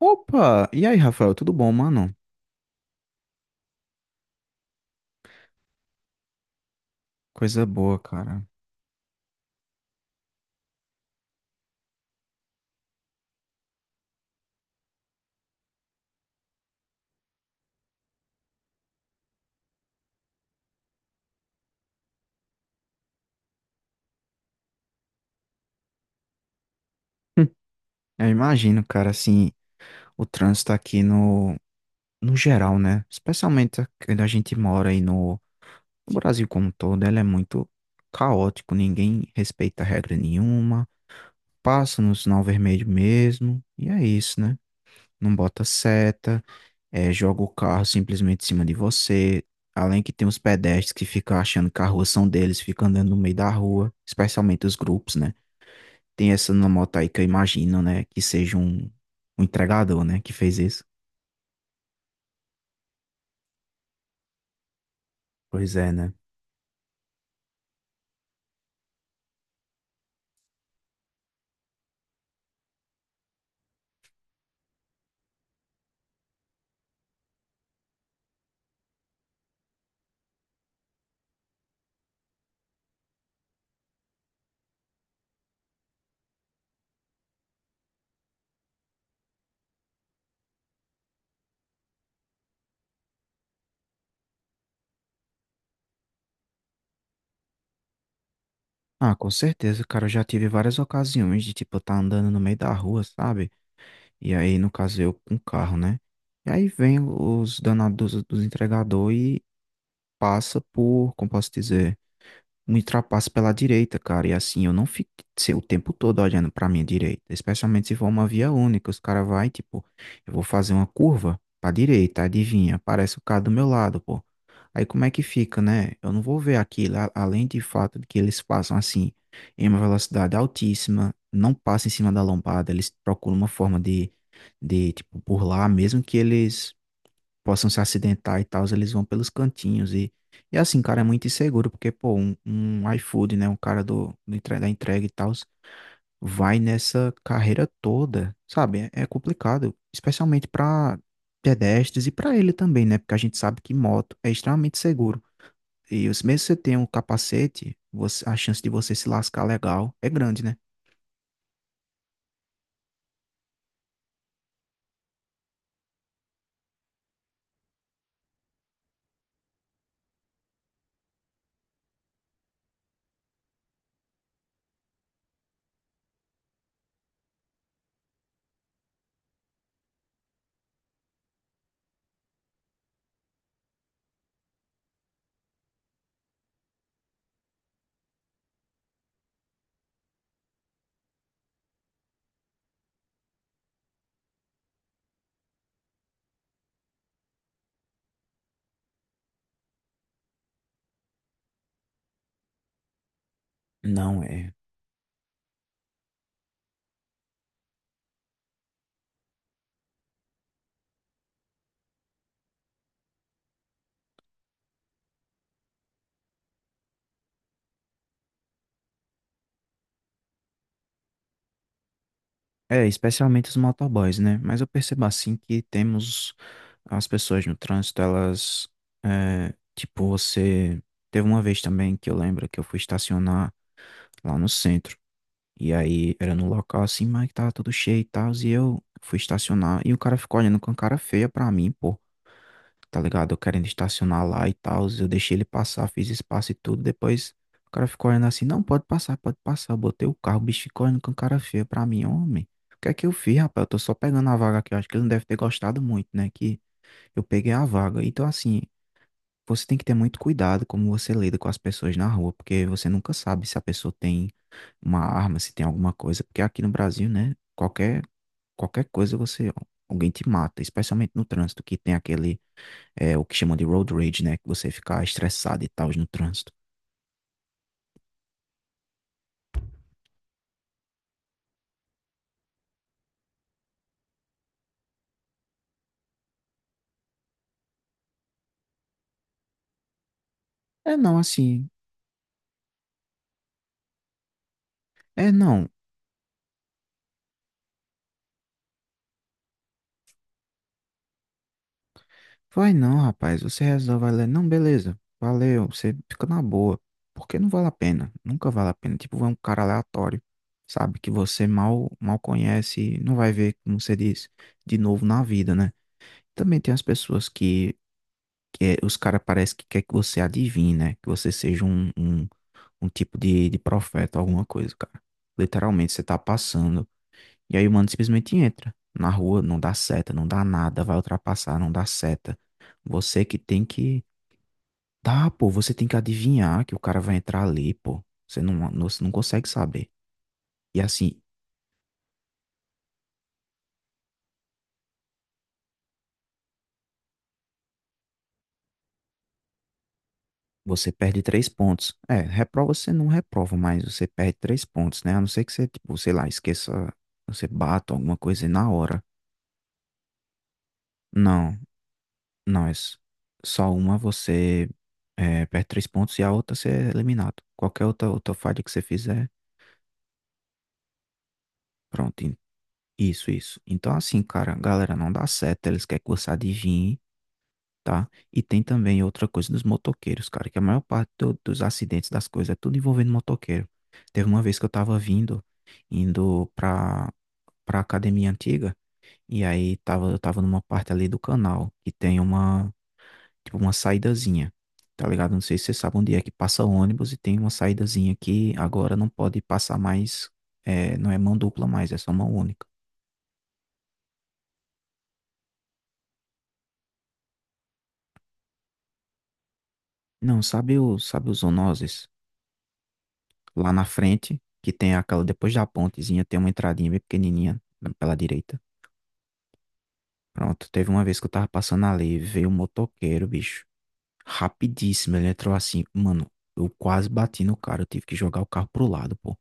Opa! E aí, Rafael, tudo bom, mano? Coisa boa, cara. Hum, Eu imagino, cara, assim, o trânsito aqui no, no geral, né? Especialmente quando a gente mora aí no, no Brasil como um todo, ele é muito caótico, ninguém respeita regra nenhuma, passa no sinal vermelho mesmo, e é isso, né? Não bota seta, joga o carro simplesmente em cima de você. Além que tem os pedestres que ficam achando que a rua são deles, ficam andando no meio da rua, especialmente os grupos, né? Tem essa na moto aí que eu imagino, né? Que seja um entregador, né? Que fez isso. Pois é, né? Ah, com certeza, cara. Eu já tive várias ocasiões de, tipo, eu tá andando no meio da rua, sabe? E aí, no caso, eu com carro, né? E aí vem os danados dos entregador e passa por, como posso dizer, me ultrapassa pela direita, cara. E assim, eu não fico o tempo todo olhando pra minha direita. Especialmente se for uma via única. Os caras vai, tipo, eu vou fazer uma curva pra direita, adivinha? Aparece o cara do meu lado, pô. Aí como é que fica, né? Eu não vou ver aquilo, além de fato de que eles passam assim, em uma velocidade altíssima, não passam em cima da lombada, eles procuram uma forma de tipo, burlar, mesmo que eles possam se acidentar e tal, eles vão pelos cantinhos e assim, cara, é muito inseguro, porque, pô, um iFood, né, um cara do, da entrega e tal, vai nessa carreira toda, sabe? É, é complicado, especialmente pra pedestres e pra ele também, né? Porque a gente sabe que moto é extremamente seguro. Mesmo se você tem um capacete, a chance de você se lascar legal é grande, né? Não é. É, especialmente os motoboys, né? Mas eu percebo assim que temos as pessoas no trânsito, elas. É, tipo, você. Teve uma vez também que eu lembro que eu fui estacionar lá no centro. E aí era no local assim, mas que tava tudo cheio e tal. E eu fui estacionar e o cara ficou olhando com cara feia pra mim, pô. Tá ligado? Eu querendo estacionar lá e tal. Eu deixei ele passar, fiz espaço e tudo. Depois o cara ficou olhando assim: não, pode passar, pode passar. Eu botei o carro, o bicho ficou olhando com cara feia pra mim, homem. O que é que eu fiz, rapaz? Eu tô só pegando a vaga aqui. Eu acho que ele não deve ter gostado muito, né? Que eu peguei a vaga. Então, assim, você tem que ter muito cuidado como você lida com as pessoas na rua, porque você nunca sabe se a pessoa tem uma arma, se tem alguma coisa. Porque aqui no Brasil, né? Qualquer coisa você. Alguém te mata, especialmente no trânsito, que tem aquele é o que chamam de road rage, né? Que você ficar estressado e tal no trânsito. É não, assim. É não. Vai não, rapaz. Você resolve, vai lá. Não, beleza. Valeu. Você fica na boa. Porque não vale a pena. Nunca vale a pena. Tipo, vai um cara aleatório, sabe? Que você mal conhece. Não vai ver, como você diz, de novo na vida, né? Também tem as pessoas que, os caras parece que quer que você adivinhe, né? Que você seja um tipo de profeta, alguma coisa, cara. Literalmente, você tá passando. E aí o mano simplesmente entra na rua, não dá seta, não dá nada, vai ultrapassar, não dá seta. Você que tem que. Tá, pô, você tem que adivinhar que o cara vai entrar ali, pô. Você você não consegue saber. E assim, você perde três pontos. É, reprova você não reprova, mas você perde três pontos, né? A não ser que você, tipo, sei lá, esqueça, você bata alguma coisa e na hora. Não, não, é s- só uma você é, perde três pontos e a outra você é eliminado. Qualquer outra falha que você fizer, pronto, isso, isso. Então, assim, cara, galera, não dá certo. Eles querem que você adivinhe, tá? E tem também outra coisa dos motoqueiros, cara, que a maior parte dos acidentes, das coisas, é tudo envolvendo motoqueiro. Teve uma vez que eu tava vindo, indo pra academia antiga, e aí tava, eu tava numa parte ali do canal, que tem uma, tipo, uma saídazinha, tá ligado? Não sei se você sabe onde é que passa ônibus e tem uma saídazinha que agora não pode passar mais, é, não é mão dupla mais, é só mão única. Não, sabe o, sabe os Zonoses? Lá na frente, que tem aquela, depois da pontezinha, tem uma entradinha bem pequenininha pela direita. Pronto, teve uma vez que eu tava passando ali, veio um motoqueiro, bicho. Rapidíssimo, ele entrou assim, mano, eu quase bati no cara, eu tive que jogar o carro pro lado, pô.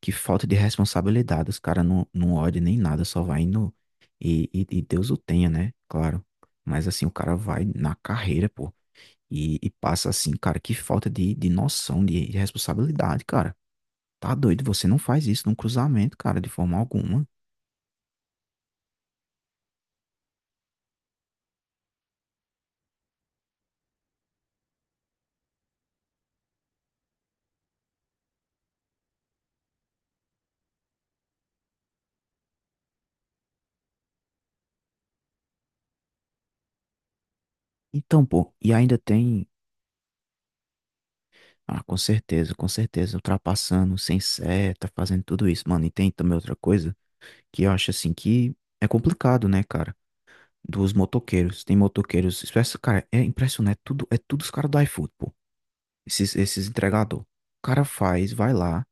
Que falta de responsabilidade, os caras não olham nem nada, só vai indo. E Deus o tenha, né? Claro. Mas assim, o cara vai na carreira, pô. E passa assim, cara, que falta de noção, de responsabilidade, cara. Tá doido, você não faz isso num cruzamento, cara, de forma alguma. Então, pô, e ainda tem. Ah, com certeza, ultrapassando, sem seta, fazendo tudo isso, mano. E tem também outra coisa que eu acho assim que é complicado, né, cara? Dos motoqueiros. Tem motoqueiros. Cara, é impressionante. É tudo, tudo os caras do iFood, pô. Esses entregador. O cara faz, vai lá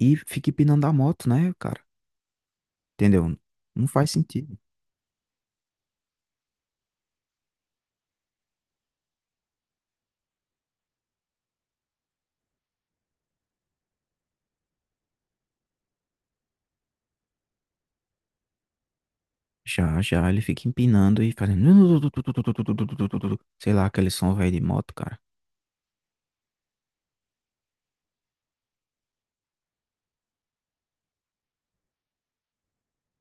e fica empinando a moto, né, cara? Entendeu? Não faz sentido. Já, ele fica empinando e fazendo. Sei lá, aquele som velho de moto, cara.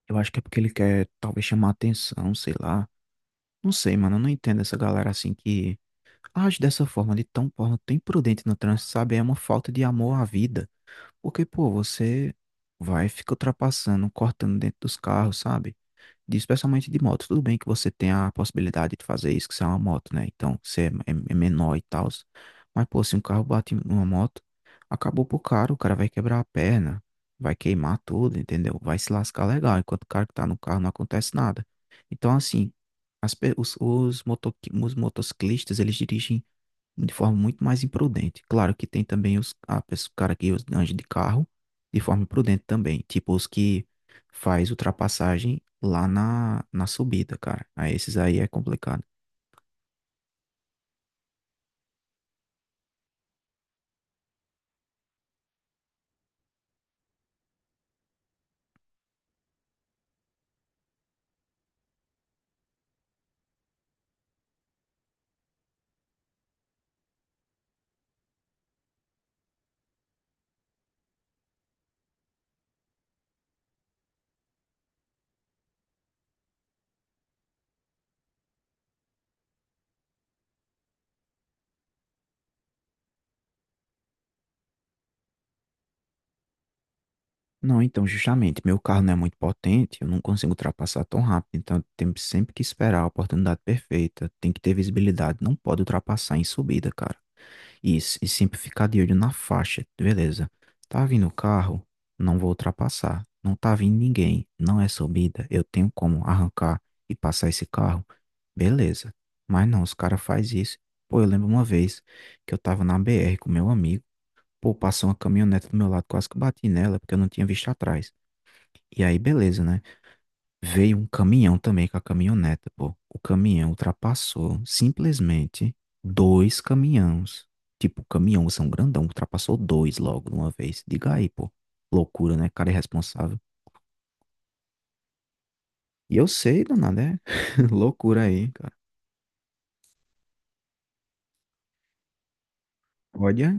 Eu acho que é porque ele quer talvez chamar atenção, sei lá. Não sei, mano, eu não entendo essa galera assim que age dessa forma, de tão forma tão imprudente no trânsito, sabe? É uma falta de amor à vida. Porque, pô, você vai e fica ultrapassando, cortando dentro dos carros, sabe? Especialmente de moto. Tudo bem que você tem a possibilidade de fazer isso, que você é uma moto, né? Então, é menor e tal. Mas, pô, se um carro bate em uma moto, acabou pro cara, o cara vai quebrar a perna, vai queimar tudo, entendeu? Vai se lascar legal, enquanto o cara que tá no carro não acontece nada. Então, assim, as pe- os, moto, os motociclistas, eles dirigem de forma muito mais imprudente. Claro que tem também os a pessoa, o cara que anda de carro de forma imprudente também, tipo os que faz ultrapassagem na subida, cara. Aí esses aí é complicado. Não, então justamente, meu carro não é muito potente, eu não consigo ultrapassar tão rápido, então temos sempre que esperar a oportunidade perfeita, tem que ter visibilidade, não pode ultrapassar em subida, cara. Isso, e sempre ficar de olho na faixa, beleza. Tá vindo o carro, não vou ultrapassar. Não tá vindo ninguém, não é subida, eu tenho como arrancar e passar esse carro, beleza. Mas não, os caras fazem isso. Pô, eu lembro uma vez que eu tava na BR com meu amigo, pô, passou uma caminhonete do meu lado, quase que eu bati nela, porque eu não tinha visto atrás. E aí, beleza, né? Veio um caminhão também com a caminhoneta, pô. O caminhão ultrapassou simplesmente dois caminhões. Tipo, o caminhão são grandão, ultrapassou dois logo de uma vez. Diga aí, pô. Loucura, né? Cara irresponsável. E eu sei, danado, é loucura aí, cara. Olha,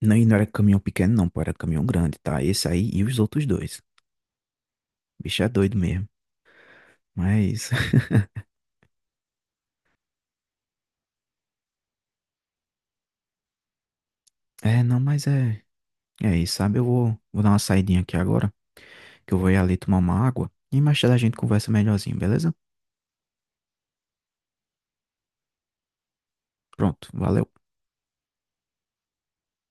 não, e não era caminhão pequeno, não, pô, era caminhão grande, tá? Esse aí e os outros dois. O bicho é doido mesmo. Mas, é, não, mas é, é isso, sabe? Vou dar uma saidinha aqui agora, que eu vou ir ali tomar uma água. E mais tarde a gente conversa melhorzinho, beleza? Pronto, valeu.